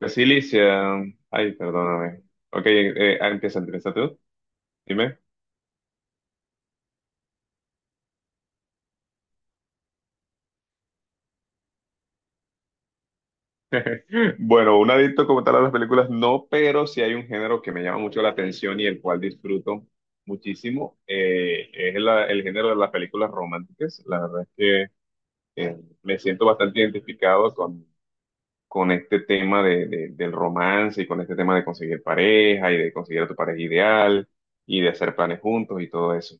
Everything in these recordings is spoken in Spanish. Resiliencia. Ay, perdóname. Ok, empieza tú. Dime. Bueno, un adicto como tal a las películas no, pero sí hay un género que me llama mucho la atención y el cual disfruto muchísimo. Es el género de las películas románticas. La verdad es que eh, me siento bastante identificado con este tema del romance y con este tema de conseguir pareja y de conseguir a tu pareja ideal y de hacer planes juntos y todo eso.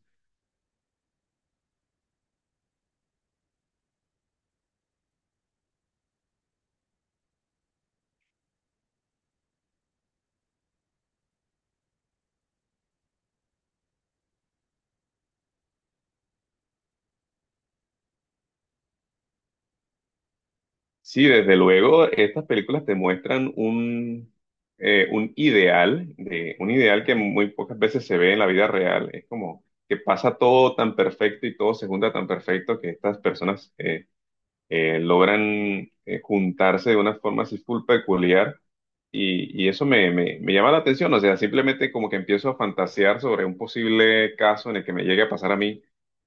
Sí, desde luego, estas películas te muestran un ideal, de, un ideal que muy pocas veces se ve en la vida real. Es como que pasa todo tan perfecto y todo se junta tan perfecto que estas personas logran juntarse de una forma así full peculiar y eso me llama la atención, o sea, simplemente como que empiezo a fantasear sobre un posible caso en el que me llegue a pasar a mí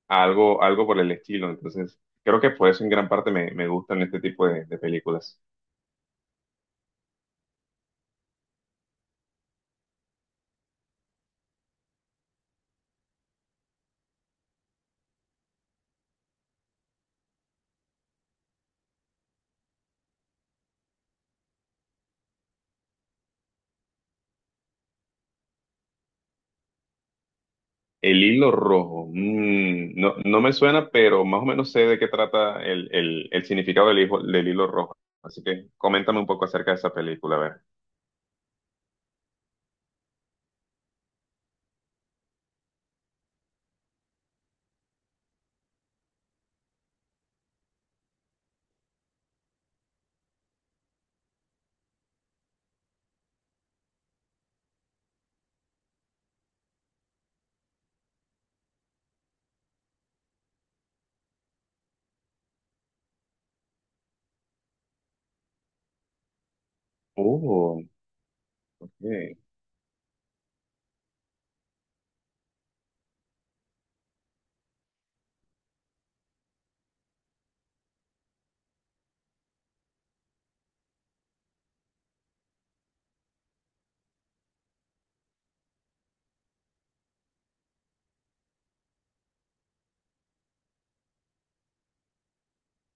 algo, algo por el estilo. Entonces, creo que por eso en gran parte me gustan este tipo de películas. El hilo rojo, mm, no, no me suena, pero más o menos sé de qué trata el significado del hilo rojo. Así que coméntame un poco acerca de esa película, a ver. Oh, ok.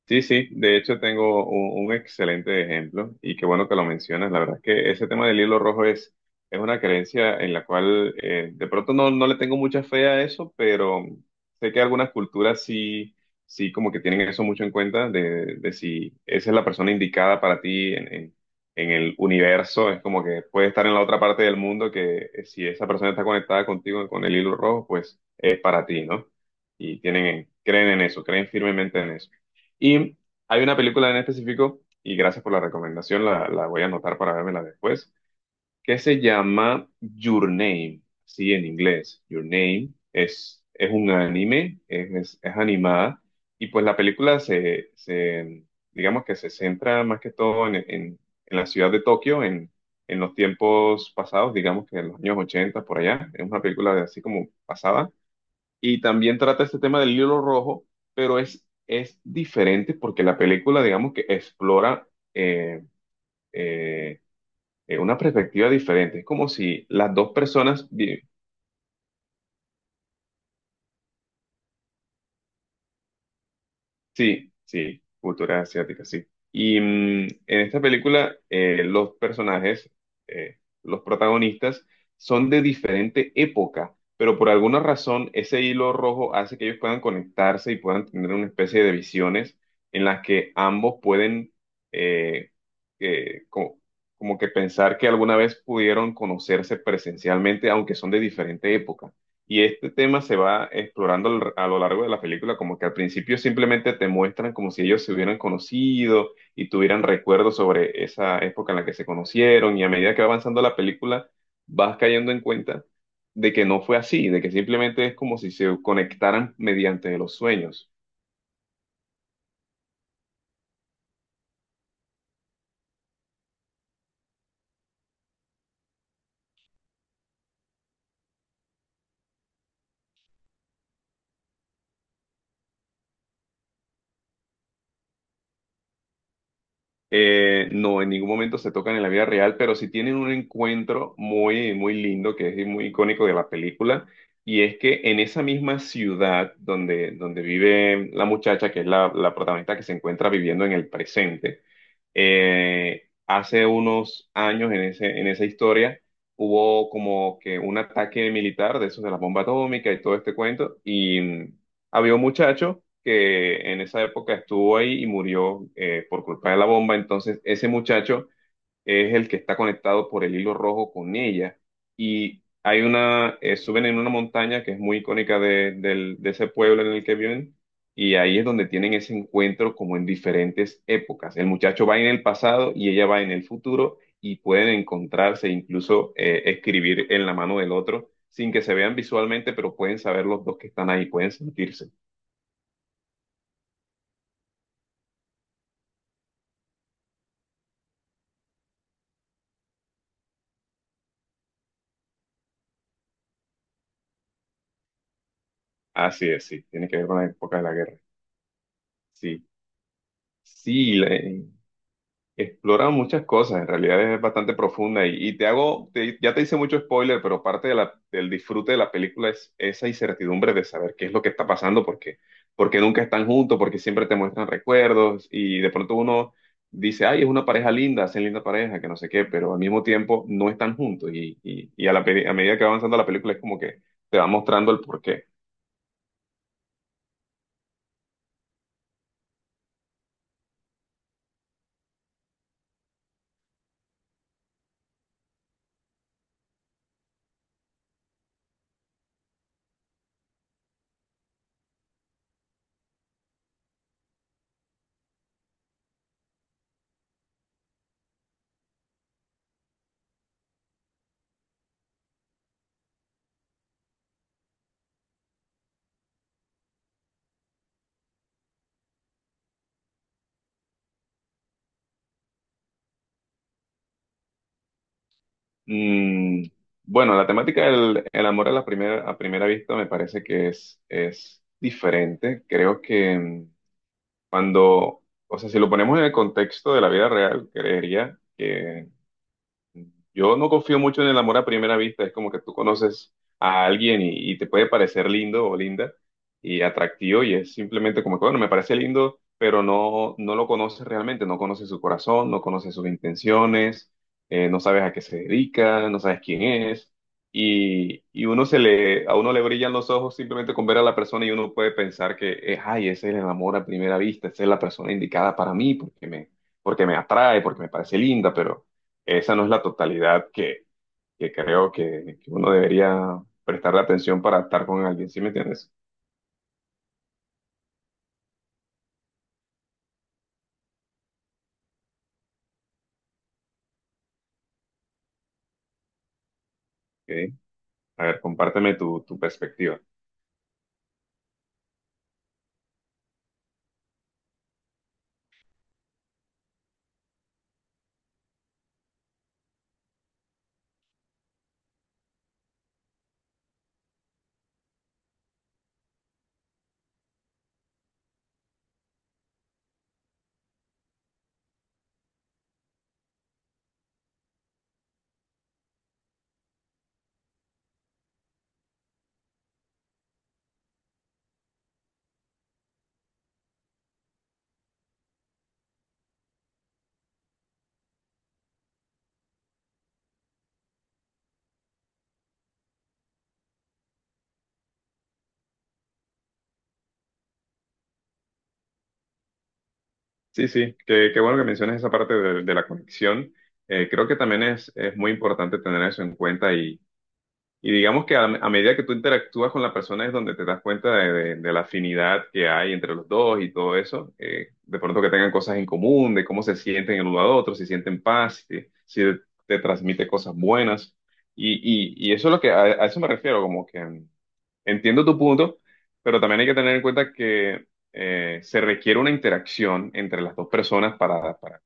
Sí, sí, de hecho tengo un excelente ejemplo y qué bueno que lo mencionas. La verdad es que ese tema del hilo rojo es una creencia en la cual de pronto no, no le tengo mucha fe a eso, pero sé que algunas culturas sí, sí como que tienen eso mucho en cuenta de si esa es la persona indicada para ti en el universo. Es como que puede estar en la otra parte del mundo que si esa persona está conectada contigo con el hilo rojo, pues es para ti, ¿no? Y tienen, creen en eso, creen firmemente en eso. Y hay una película en específico, y gracias por la recomendación, la voy a anotar para vérmela después, que se llama Your Name, sí, en inglés. Your Name es un anime, es animada, y pues la película digamos que se centra más que todo en la ciudad de Tokio, en los tiempos pasados, digamos que en los años 80 por allá. Es una película de así como pasada y también trata este tema del hilo rojo, pero es diferente porque la película, digamos que explora eh, eh, una perspectiva diferente. Es como si las dos personas sí, sí, cultura asiática, sí. Y mm, en esta película los personajes, los protagonistas, son de diferente época, pero por alguna razón ese hilo rojo hace que ellos puedan conectarse y puedan tener una especie de visiones en las que ambos pueden eh, eh, co- como que pensar que alguna vez pudieron conocerse presencialmente, aunque son de diferente época. Y este tema se va explorando a lo largo de la película, como que al principio simplemente te muestran como si ellos se hubieran conocido y tuvieran recuerdos sobre esa época en la que se conocieron, y a medida que va avanzando la película, vas cayendo en cuenta de que no fue así, de que simplemente es como si se conectaran mediante los sueños. No, en ningún momento se tocan en la vida real, pero sí tienen un encuentro muy, muy lindo, que es muy icónico de la película, y es que en esa misma ciudad donde, donde vive la muchacha, que es la protagonista que se encuentra viviendo en el presente, hace unos años en en esa historia hubo como que un ataque militar de esos de la bomba atómica y todo este cuento y mm, había un muchacho que en esa época estuvo ahí y murió por culpa de la bomba, entonces ese muchacho es el que está conectado por el hilo rojo con ella. Y hay una, suben en una montaña que es muy icónica de ese pueblo en el que viven, y ahí es donde tienen ese encuentro como en diferentes épocas. El muchacho va en el pasado y ella va en el futuro, y pueden encontrarse, incluso escribir en la mano del otro, sin que se vean visualmente, pero pueden saber los dos que están ahí, pueden sentirse. Así es, sí, tiene que ver con la época de la guerra. Sí, sí, explora muchas cosas, en realidad es bastante profunda y te hago, ya te hice mucho spoiler, pero parte de del disfrute de la película es esa incertidumbre de saber qué es lo que está pasando, porque, porque nunca están juntos, porque siempre te muestran recuerdos y de pronto uno dice, ay, es una pareja linda, hacen linda pareja, que no sé qué, pero al mismo tiempo no están juntos y a a medida que va avanzando la película es como que te va mostrando el porqué. Mm, bueno, la temática del el amor a la primera, a primera vista me parece que es diferente. Creo que mm, cuando, o sea, si lo ponemos en el contexto de la vida real, creería que yo no confío mucho en el amor a primera vista, es como que tú conoces a alguien y te puede parecer lindo o linda y atractivo y es simplemente como que, bueno, me parece lindo, pero no, no lo conoces realmente, no conoces su corazón, no conoces sus intenciones, no sabes a qué se dedica, no sabes quién es y uno a uno le brillan los ojos simplemente con ver a la persona y uno puede pensar que, ay, ese es el amor a primera vista, esa es la persona indicada para mí porque porque me atrae, porque me parece linda, pero esa no es la totalidad que creo que uno debería prestarle atención para estar con alguien, ¿sí me entiendes? Ok. A ver, compárteme tu, tu perspectiva. Sí, sí, qué, qué bueno que menciones esa parte de la conexión. Creo que también es muy importante tener eso en cuenta. Y digamos que a medida que tú interactúas con la persona es donde te das cuenta de la afinidad que hay entre los dos y todo eso. De pronto que tengan cosas en común, de cómo se sienten el uno al otro, si sienten paz, si, si te transmite cosas buenas. Y, y eso es lo que, a eso me refiero, como que mm, entiendo tu punto, pero también hay que tener en cuenta que se requiere una interacción entre las dos personas para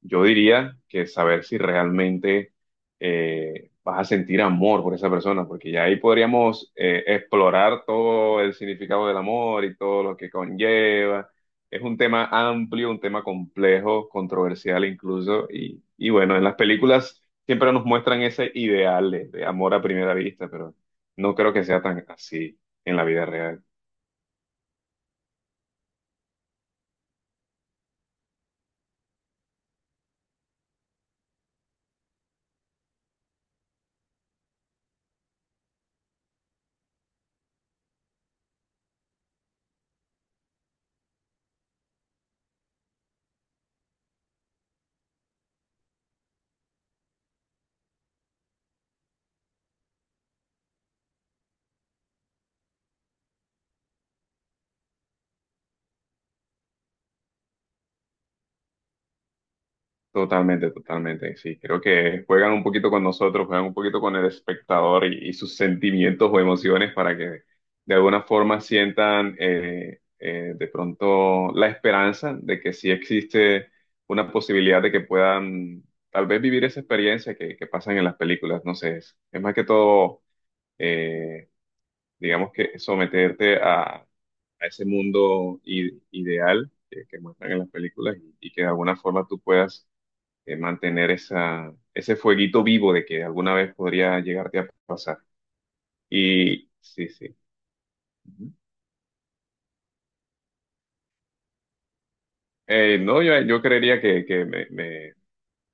yo diría que saber si realmente vas a sentir amor por esa persona, porque ya ahí podríamos explorar todo el significado del amor y todo lo que conlleva. Es un tema amplio, un tema complejo, controversial incluso, y bueno, en las películas siempre nos muestran ese ideal de amor a primera vista, pero no creo que sea tan así en la vida real. Totalmente, totalmente, sí, creo que juegan un poquito con nosotros, juegan un poquito con el espectador y sus sentimientos o emociones para que de alguna forma sientan de pronto la esperanza de que sí existe una posibilidad de que puedan tal vez vivir esa experiencia que pasan en las películas, no sé, es más que todo, eh, digamos que someterte a ese mundo ideal que muestran en las películas y que de alguna forma tú puedas mantener esa, ese fueguito vivo de que alguna vez podría llegarte a pasar. Y sí, sí. Ujú. No, yo, yo creería que me,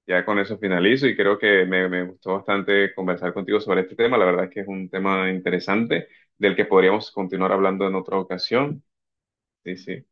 ya con eso finalizo y creo que me gustó bastante conversar contigo sobre este tema. La verdad es que es un tema interesante del que podríamos continuar hablando en otra ocasión. Sí, sí.